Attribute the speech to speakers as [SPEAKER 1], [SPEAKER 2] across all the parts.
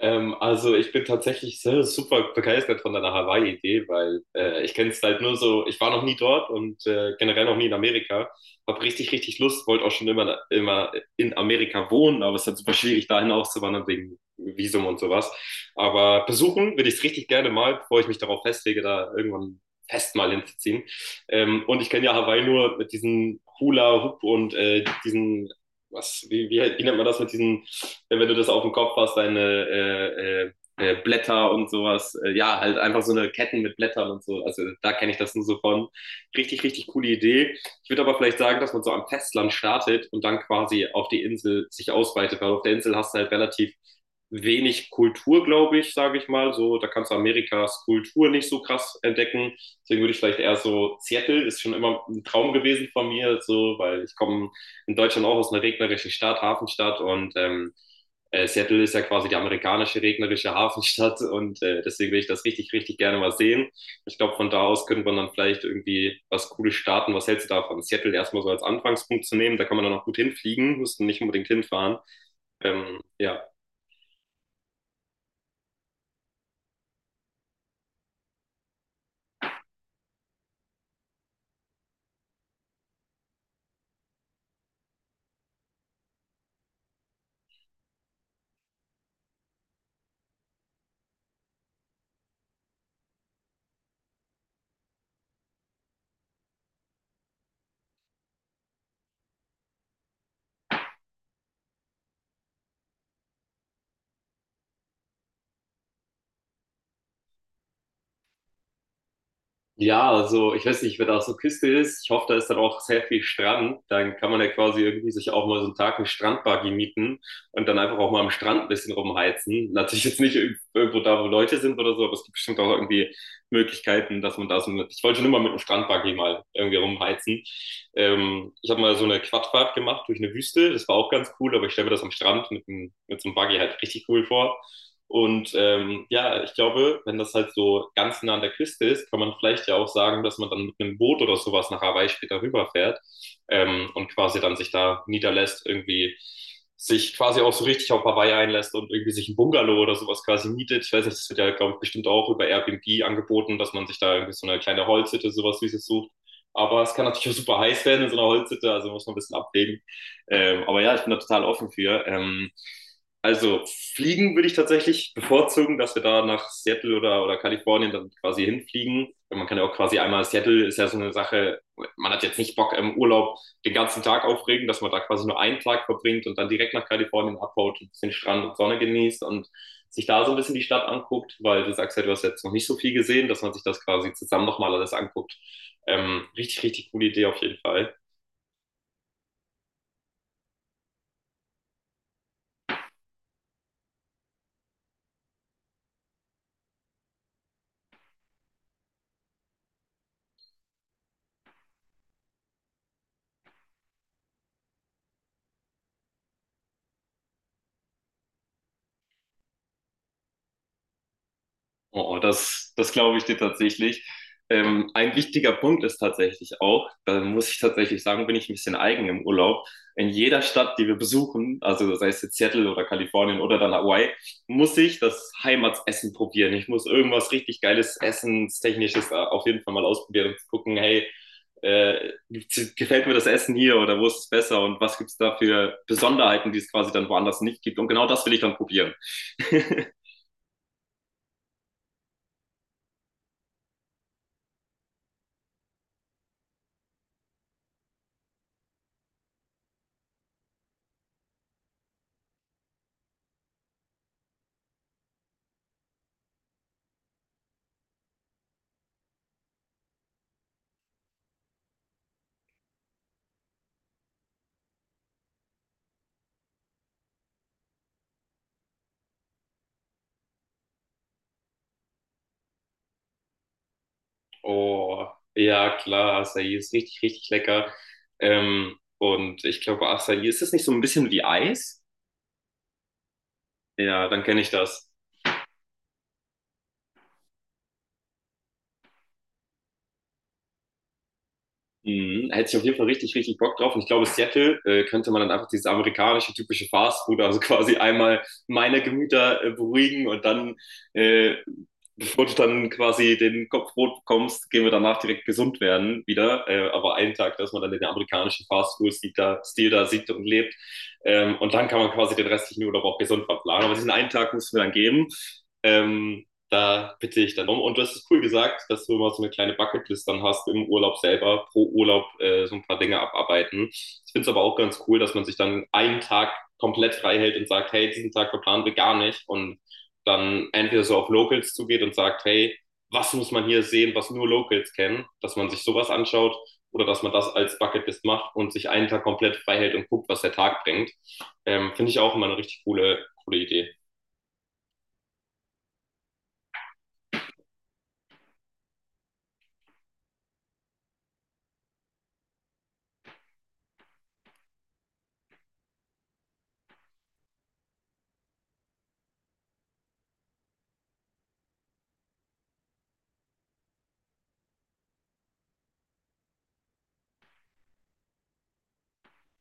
[SPEAKER 1] Also ich bin tatsächlich sehr, super begeistert von deiner Hawaii-Idee, weil ich kenne es halt nur so. Ich war noch nie dort und generell noch nie in Amerika. Hab richtig, richtig Lust, wollte auch schon immer in Amerika wohnen, aber es ist halt super schwierig, dahin auszuwandern wegen Visum und sowas. Aber besuchen würde ich es richtig gerne mal, bevor ich mich darauf festlege, da irgendwann fest mal hinzuziehen. Und ich kenne ja Hawaii nur mit diesen Hula-Hoop und diesen, wie nennt man das mit diesen, wenn du das auf dem Kopf hast, deine Blätter und sowas. Ja, halt einfach so eine Ketten mit Blättern und so. Also da kenne ich das nur so von. Richtig, richtig coole Idee. Ich würde aber vielleicht sagen, dass man so am Festland startet und dann quasi auf die Insel sich ausweitet, weil auf der Insel hast du halt relativ wenig Kultur, glaube ich, sage ich mal. So, da kannst du Amerikas Kultur nicht so krass entdecken. Deswegen würde ich vielleicht eher so, Seattle ist schon immer ein Traum gewesen von mir, so, weil ich komme in Deutschland auch aus einer regnerischen Stadt, Hafenstadt, und Seattle ist ja quasi die amerikanische regnerische Hafenstadt und deswegen will ich das richtig, richtig gerne mal sehen. Ich glaube, von da aus könnte man dann vielleicht irgendwie was Cooles starten. Was hältst du davon? Seattle erstmal so als Anfangspunkt zu nehmen, da kann man dann auch gut hinfliegen, muss nicht unbedingt hinfahren. Ähm, ja, Ja, also ich weiß nicht, wenn da so eine Küste ist, ich hoffe, da ist dann auch sehr viel Strand. Dann kann man ja quasi irgendwie sich auch mal so einen Tag einen Strandbuggy mieten und dann einfach auch mal am Strand ein bisschen rumheizen. Natürlich jetzt nicht irgendwo da, wo Leute sind oder so, aber es gibt bestimmt auch irgendwie Möglichkeiten, dass man da so mit, ich wollte schon immer mit einem Strandbuggy mal irgendwie rumheizen. Ich habe mal so eine Quadfahrt gemacht durch eine Wüste, das war auch ganz cool, aber ich stelle mir das am Strand mit, einem, mit so einem Buggy halt richtig cool vor. Und ja, ich glaube, wenn das halt so ganz nah an der Küste ist, kann man vielleicht ja auch sagen, dass man dann mit einem Boot oder sowas nach Hawaii später rüberfährt, und quasi dann sich da niederlässt, irgendwie sich quasi auch so richtig auf Hawaii einlässt und irgendwie sich ein Bungalow oder sowas quasi mietet. Ich weiß nicht, das wird ja, glaube ich, bestimmt auch über Airbnb angeboten, dass man sich da irgendwie so eine kleine Holzhütte, sowas Süßes sucht. Aber es kann natürlich auch super heiß werden in so einer Holzhütte, also muss man ein bisschen abwägen. Aber ja, ich bin da total offen für. Also fliegen würde ich tatsächlich bevorzugen, dass wir da nach Seattle oder Kalifornien dann quasi hinfliegen. Man kann ja auch quasi einmal, Seattle ist ja so eine Sache, man hat jetzt nicht Bock im Urlaub den ganzen Tag aufregen, dass man da quasi nur einen Tag verbringt und dann direkt nach Kalifornien abhaut, ein bisschen Strand und Sonne genießt und sich da so ein bisschen die Stadt anguckt, weil du sagst ja, du hast jetzt noch nicht so viel gesehen, dass man sich das quasi zusammen nochmal alles anguckt. Richtig, richtig coole Idee auf jeden Fall. Oh, das, das glaube ich dir tatsächlich. Ein wichtiger Punkt ist tatsächlich auch, da muss ich tatsächlich sagen, bin ich ein bisschen eigen im Urlaub. In jeder Stadt, die wir besuchen, also sei es jetzt Seattle oder Kalifornien oder dann Hawaii, muss ich das Heimatsessen probieren. Ich muss irgendwas richtig geiles Essenstechnisches da auf jeden Fall mal ausprobieren und gucken, hey, gefällt mir das Essen hier oder wo ist es besser und was gibt es da für Besonderheiten, die es quasi dann woanders nicht gibt. Und genau das will ich dann probieren. Oh, ja, klar, Acai ist richtig, richtig lecker. Und ich glaube, Acai, ist das nicht so ein bisschen wie Eis? Ja, dann kenne ich das. Mhm, hätte ich auf jeden Fall richtig, richtig Bock drauf. Und ich glaube, Seattle könnte man dann einfach dieses amerikanische typische Fast Food, also quasi einmal meine Gemüter beruhigen und dann, äh, bevor du dann quasi den Kopf rot bekommst, gehen wir danach direkt gesund werden wieder. Aber einen Tag, dass man dann den amerikanischen Fast Food-Stil da, Stil da sieht und lebt. Und dann kann man quasi den restlichen Urlaub auch gesund verplanen. Aber diesen einen Tag müssen wir dann geben. Ähm, da bitte ich dann um. Und du hast es cool gesagt, dass du immer so eine kleine Bucketlist dann hast im Urlaub selber, pro Urlaub so ein paar Dinge abarbeiten. Ich finde es aber auch ganz cool, dass man sich dann einen Tag komplett frei hält und sagt, hey, diesen Tag verplanen wir gar nicht. Und dann entweder so auf Locals zugeht und sagt, hey, was muss man hier sehen, was nur Locals kennen, dass man sich sowas anschaut, oder dass man das als Bucketlist macht und sich einen Tag komplett frei hält und guckt, was der Tag bringt. Finde ich auch immer eine richtig coole, coole Idee.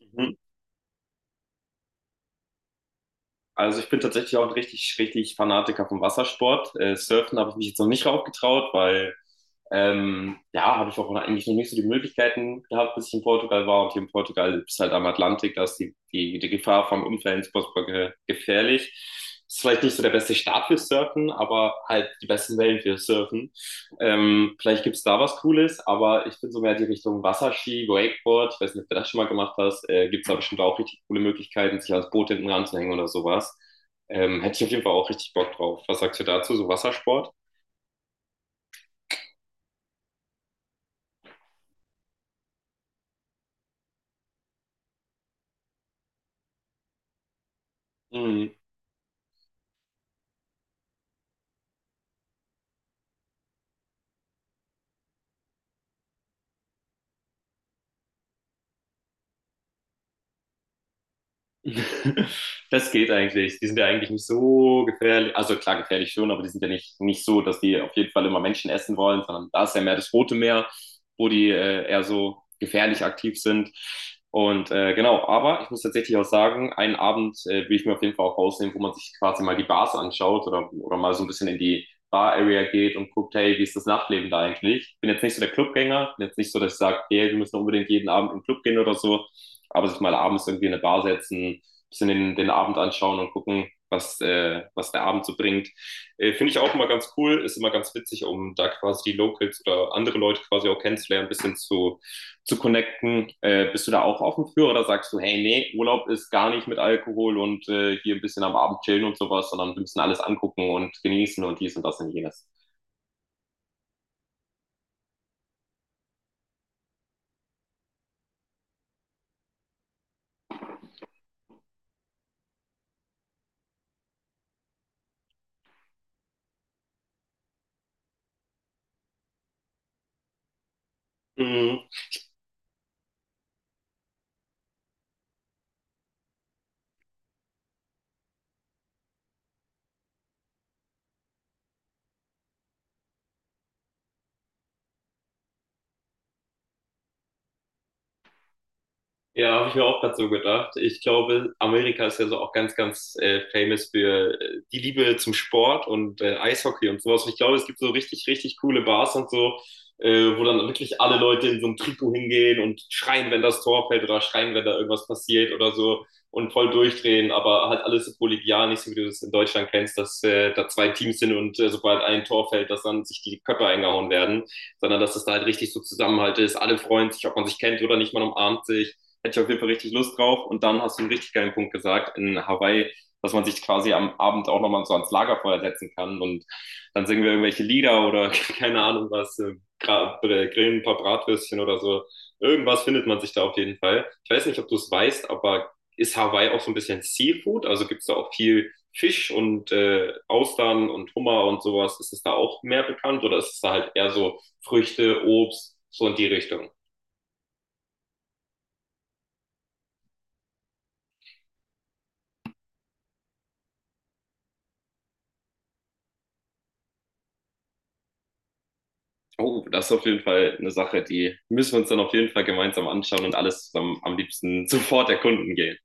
[SPEAKER 1] Mhm. Also ich bin tatsächlich auch ein richtig, richtig Fanatiker vom Wassersport. Surfen habe ich mich jetzt noch nicht raufgetraut, weil ja, habe ich auch eigentlich noch nicht so die Möglichkeiten gehabt, bis ich in Portugal war. Und hier in Portugal ist halt am Atlantik, da ist die Gefahr vom Unfällen ist furchtbar ge gefährlich. Ist vielleicht nicht so der beste Start für Surfen, aber halt die besten Wellen für Surfen. Vielleicht gibt's da was Cooles, aber ich bin so mehr die Richtung Wasserski, Wakeboard. Ich weiß nicht, ob du das schon mal gemacht hast. Gibt's da bestimmt auch richtig coole Möglichkeiten, sich ans Boot hinten ranzuhängen oder sowas. Hätte ich auf jeden Fall auch richtig Bock drauf. Was sagst du dazu, so Wassersport? Mhm. Das geht eigentlich. Die sind ja eigentlich nicht so gefährlich. Also klar, gefährlich schon, aber die sind ja nicht so, dass die auf jeden Fall immer Menschen essen wollen, sondern da ist ja mehr das Rote Meer, wo die eher so gefährlich aktiv sind. Und genau, aber ich muss tatsächlich auch sagen, einen Abend will ich mir auf jeden Fall auch rausnehmen, wo man sich quasi mal die Bars anschaut oder mal so ein bisschen in die Bar-Area geht und guckt, hey, wie ist das Nachtleben da eigentlich? Ich bin jetzt nicht so der Clubgänger, bin jetzt nicht so, dass ich sage, hey, wir müssen unbedingt jeden Abend in den Club gehen oder so, aber sich mal abends irgendwie in eine Bar setzen, bisschen den Abend anschauen und gucken, was, was der Abend so bringt. Finde ich auch immer ganz cool, ist immer ganz witzig, um da quasi die Locals oder andere Leute quasi auch kennenzulernen, ein bisschen zu connecten. Bist du da auch offen für, oder sagst du, hey, nee, Urlaub ist gar nicht mit Alkohol und hier ein bisschen am Abend chillen und sowas, sondern wir müssen alles angucken und genießen und dies und das und jenes? Mm, ja, habe ich mir auch gerade so gedacht. Ich glaube, Amerika ist ja so auch ganz, ganz famous für die Liebe zum Sport und Eishockey und sowas. Und ich glaube, es gibt so richtig, richtig coole Bars und so, wo dann wirklich alle Leute in so einem Trikot hingehen und schreien, wenn das Tor fällt oder schreien, wenn da irgendwas passiert oder so und voll durchdrehen, aber halt alles so kollegial, nicht so wie du das in Deutschland kennst, dass da zwei Teams sind und sobald ein Tor fällt, dass dann sich die Köpfe eingehauen werden, sondern dass es da halt richtig so Zusammenhalt ist, alle freuen sich, ob man sich kennt oder nicht, man umarmt sich. Hätte ich auf jeden Fall richtig Lust drauf. Und dann hast du einen richtig geilen Punkt gesagt in Hawaii, dass man sich quasi am Abend auch nochmal so ans Lagerfeuer setzen kann. Und dann singen wir irgendwelche Lieder oder keine Ahnung was, grillen ein paar Bratwürstchen oder so. Irgendwas findet man sich da auf jeden Fall. Ich weiß nicht, ob du es weißt, aber ist Hawaii auch so ein bisschen Seafood? Also gibt es da auch viel Fisch und Austern und Hummer und sowas? Ist es da auch mehr bekannt oder ist es da halt eher so Früchte, Obst, so in die Richtung? Oh, das ist auf jeden Fall eine Sache, die müssen wir uns dann auf jeden Fall gemeinsam anschauen und alles zusammen am liebsten sofort erkunden gehen.